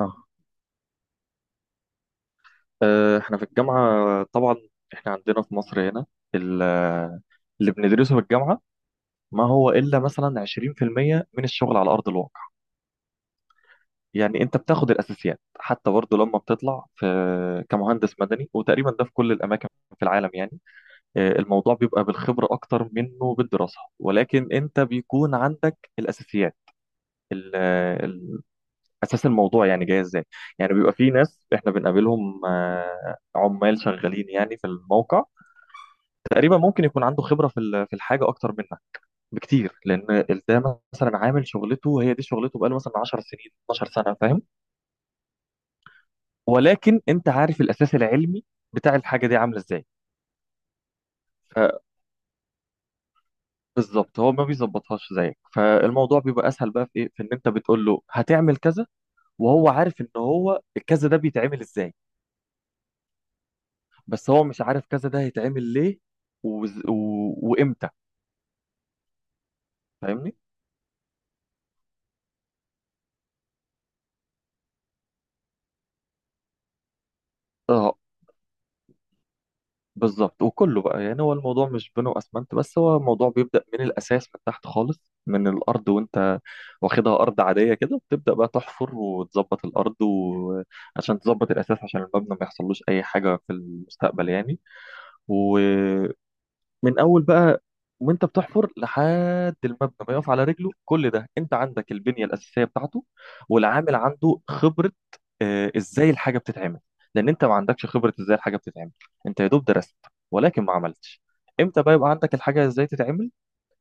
آه. احنا في الجامعة، طبعا احنا عندنا في مصر هنا، ال- آه، اللي بندرسه في الجامعة ما هو إلا مثلا 20% من الشغل على أرض الواقع. يعني أنت بتاخد الأساسيات، حتى برضه لما بتطلع في كمهندس مدني. وتقريبا ده في كل الأماكن في العالم يعني. الموضوع بيبقى بالخبرة أكتر منه بالدراسة، ولكن أنت بيكون عندك الأساسيات، ال- آه، ال- أساس الموضوع يعني جاي إزاي. يعني بيبقى في ناس إحنا بنقابلهم، عمال شغالين يعني في الموقع، تقريبا ممكن يكون عنده خبرة في الحاجة أكتر منك بكتير، لأن ده مثلا عامل شغلته، هي دي شغلته بقاله مثلا 10 سنين، 12 سنة، فاهم؟ ولكن أنت عارف الأساس العلمي بتاع الحاجة دي عاملة إزاي. فبالظبط هو ما بيظبطهاش زيك، فالموضوع بيبقى أسهل بقى في إيه، في إن أنت بتقول له هتعمل كذا، وهو عارف إن هو الكذا ده بيتعمل إزاي، بس هو مش عارف كذا ده هيتعمل ليه وز... و... وإمتى. فاهمني؟ اه بالظبط. وكله بقى يعني هو الموضوع مش بنو اسمنت بس، هو الموضوع بيبدأ من الاساس، من تحت خالص، من الارض. وانت واخدها ارض عادية كده، بتبدأ بقى تحفر وتظبط الارض، وعشان تظبط الاساس عشان المبنى ما يحصلوش اي حاجة في المستقبل يعني. من اول بقى وانت بتحفر لحد المبنى ما يقف على رجله، كل ده انت عندك البنيه الاساسيه بتاعته. والعامل عنده خبره ازاي الحاجه بتتعمل، لان انت ما عندكش خبره ازاي الحاجه بتتعمل، انت يا دوب درست ولكن ما عملتش. امتى بقى يبقى عندك الحاجه ازاي تتعمل؟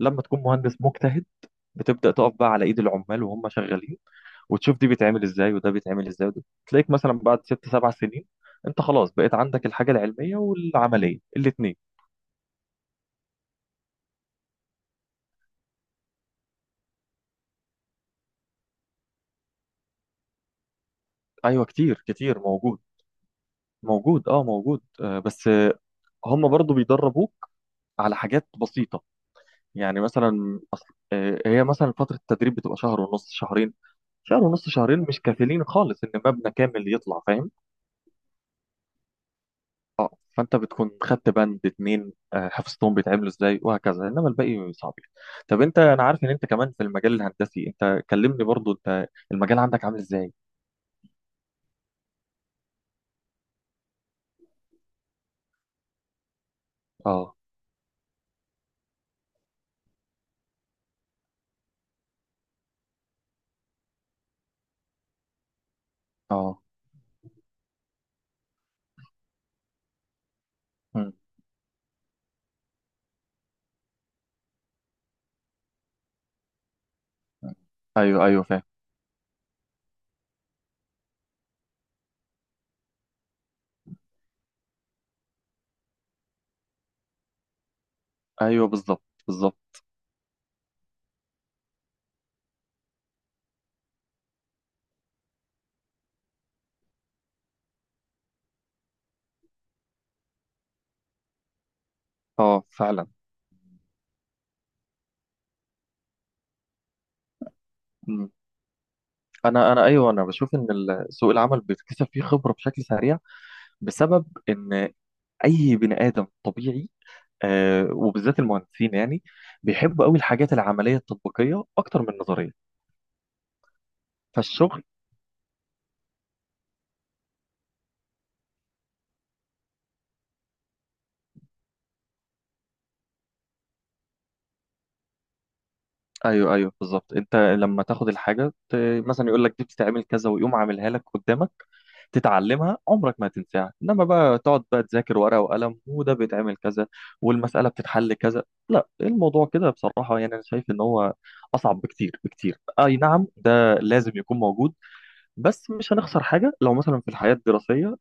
لما تكون مهندس مجتهد، بتبدا تقف بقى على ايد العمال وهم شغالين، وتشوف دي بيتعمل ازاي وده بيتعمل ازاي، وده تلاقيك مثلا بعد ست سبع سنين انت خلاص بقيت عندك الحاجه العلميه والعمليه الاثنين. ايوه، كتير موجود. موجود اه موجود. بس هم برضو بيدربوك على حاجات بسيطة. يعني مثلا أصل هي مثلا فترة التدريب بتبقى شهر ونص، شهرين. شهر ونص شهرين مش كافيين خالص ان مبنى كامل يطلع، فاهم. اه فانت بتكون خدت بند اتنين حفظتهم بيتعملوا ازاي وهكذا، انما الباقي صعب. طب انت، انا عارف ان انت كمان في المجال الهندسي، انت كلمني برضو انت المجال عندك عامل ازاي. اه. اه. مم. ايوه ايوه فاهم. ايوه بالظبط، بالظبط. اه فعلا. انا ايوه انا بشوف ان سوق العمل بيكتسب فيه خبره بشكل سريع، بسبب ان اي بني ادم طبيعي، آه، وبالذات المهندسين يعني بيحبوا قوي الحاجات العمليه التطبيقيه اكتر من النظريه. فالشغل، ايوه ايوه بالظبط، انت لما تاخد مثلا يقول لك دي بتتعمل كذا، ويقوم عاملها لك قدامك، تتعلمها عمرك ما تنساها. انما بقى تقعد بقى تذاكر ورقة وقلم، وده بيتعمل كذا والمسألة بتتحل كذا، لا، الموضوع كده بصراحة يعني انا شايف ان هو اصعب بكتير. اي نعم ده لازم يكون موجود، بس مش هنخسر حاجة لو مثلا في الحياة الدراسية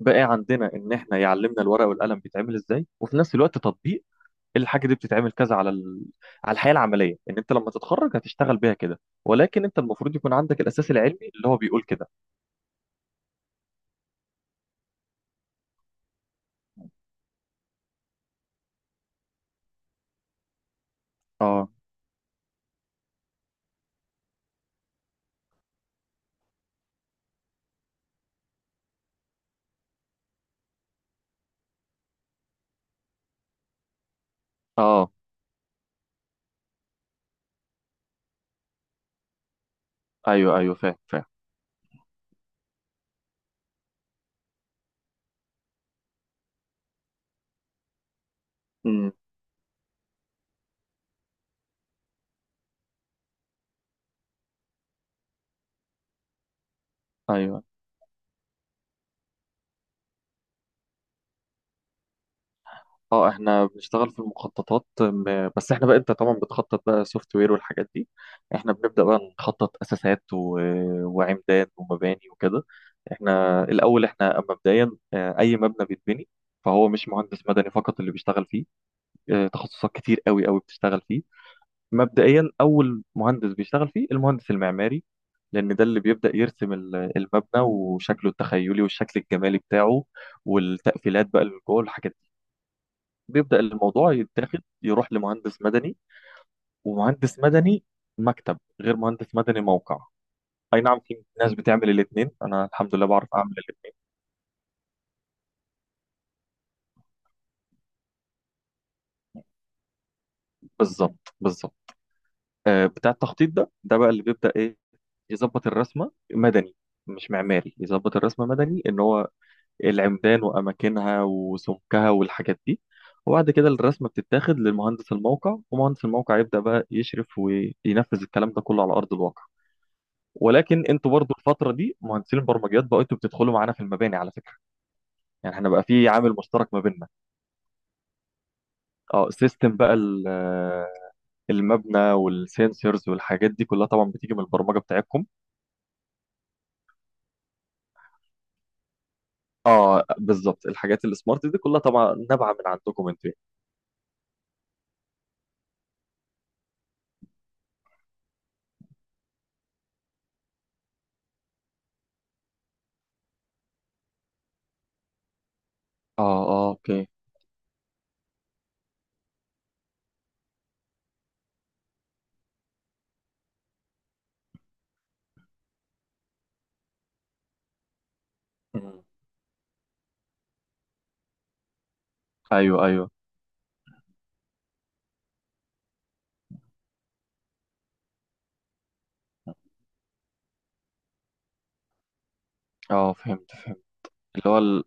بقى عندنا ان احنا يعلمنا الورقة والقلم بيتعمل ازاي، وفي نفس الوقت تطبيق الحاجة دي بتتعمل كذا على الحياة العملية، ان انت لما تتخرج هتشتغل بيها كده، ولكن انت المفروض يكون عندك الاساس العلمي اللي هو بيقول كده. اه اه. ايوه ايوه فاهم فاهم. امم. ايوه. اه احنا بنشتغل في المخططات، بس احنا بقى انت طبعا بتخطط بقى سوفت وير والحاجات دي، احنا بنبدأ بقى نخطط اساسات وعمدان ومباني وكده. احنا الاول، احنا مبدئيا، اي مبنى بيتبني فهو مش مهندس مدني فقط اللي بيشتغل فيه، تخصصات كتير قوي بتشتغل فيه. مبدئيا اول مهندس بيشتغل فيه المهندس المعماري، لان ده اللي بيبدأ يرسم المبنى وشكله التخيلي والشكل الجمالي بتاعه، والتقفيلات بقى اللي جوه الحاجات. بيبدأ الموضوع يتاخد يروح لمهندس مدني. ومهندس مدني مكتب غير مهندس مدني موقع. اي نعم في ناس بتعمل الاثنين، انا الحمد لله بعرف اعمل الاثنين. بالظبط بالظبط. آه بتاع التخطيط ده، ده بقى اللي بيبدأ ايه، يظبط الرسمة مدني، مش معماري. يظبط الرسمة مدني ان هو العمدان واماكنها وسمكها والحاجات دي. وبعد كده الرسمة بتتاخد لمهندس الموقع، ومهندس الموقع يبدأ بقى يشرف وينفذ الكلام ده كله على أرض الواقع. ولكن انتوا برضو الفتره دي مهندسين البرمجيات بقوا انتوا بتدخلوا معانا في المباني على فكره. يعني احنا بقى في عامل مشترك ما بيننا. اه سيستم بقى المبنى والسنسورز والحاجات دي كلها طبعا بتيجي من البرمجه بتاعتكم. اه بالظبط، الحاجات السمارت دي كلها طبعا نابعه من عندكم انتوا يعني. اه اه اوكي. مم. ايوه ايوه. اه فهمت فهمت. اللي هو،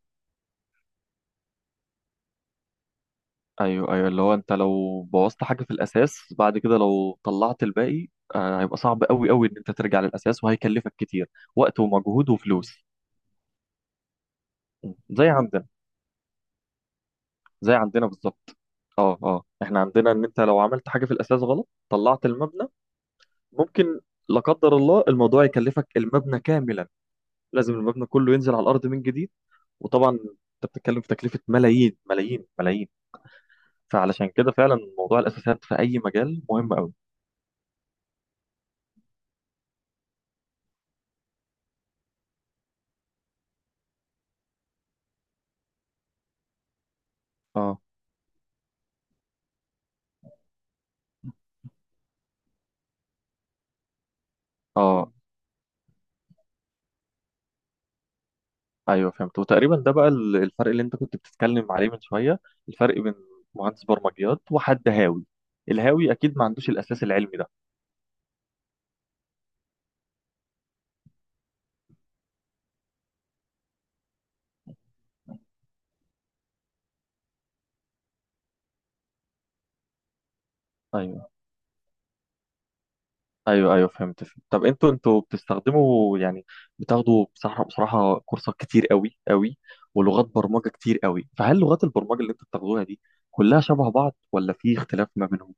ايوه ايوه، اللي هو انت لو بوظت حاجه في الاساس، بعد كده لو طلعت الباقي، آه هيبقى صعب قوي ان انت ترجع للاساس، وهيكلفك كتير، وقت ومجهود وفلوس. م. زي عندنا. زي عندنا بالظبط. اه اه، احنا عندنا ان انت لو عملت حاجه في الاساس غلط، طلعت المبنى، ممكن لا قدر الله الموضوع يكلفك المبنى كاملا، لازم المبنى كله ينزل على الارض من جديد. وطبعا انت بتتكلم في تكلفه ملايين ملايين ملايين، فعلشان كده فعلا موضوع الاساسات في اي مجال مهم قوي. اه اه. ايوه فهمت. وتقريبا ده بقى الفرق اللي انت كنت بتتكلم عليه من شويه، الفرق بين مهندس برمجيات وحد هاوي. الهاوي اكيد ما عندوش الاساس العلمي ده. ايوه. ايوه فهمت فهمت. طب انتوا بتستخدموا يعني بتاخدوا بصراحه، بصراحه كورسات كتير قوي ولغات برمجه كتير قوي، فهل لغات البرمجه اللي انتوا بتاخدوها دي كلها شبه بعض، ولا في اختلاف ما بينهم؟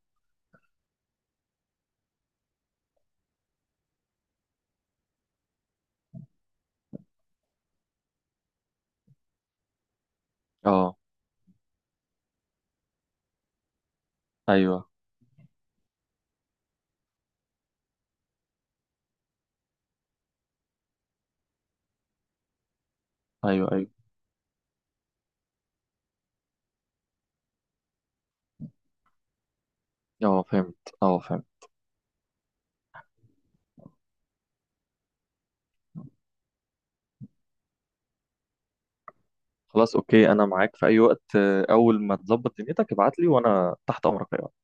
اه. ايوه ايوه. ايوه اه فهمت، اه فهمت. خلاص اوكي، انا معاك في اي وقت، اول ما تظبط دنيتك ابعت لي وانا تحت امرك.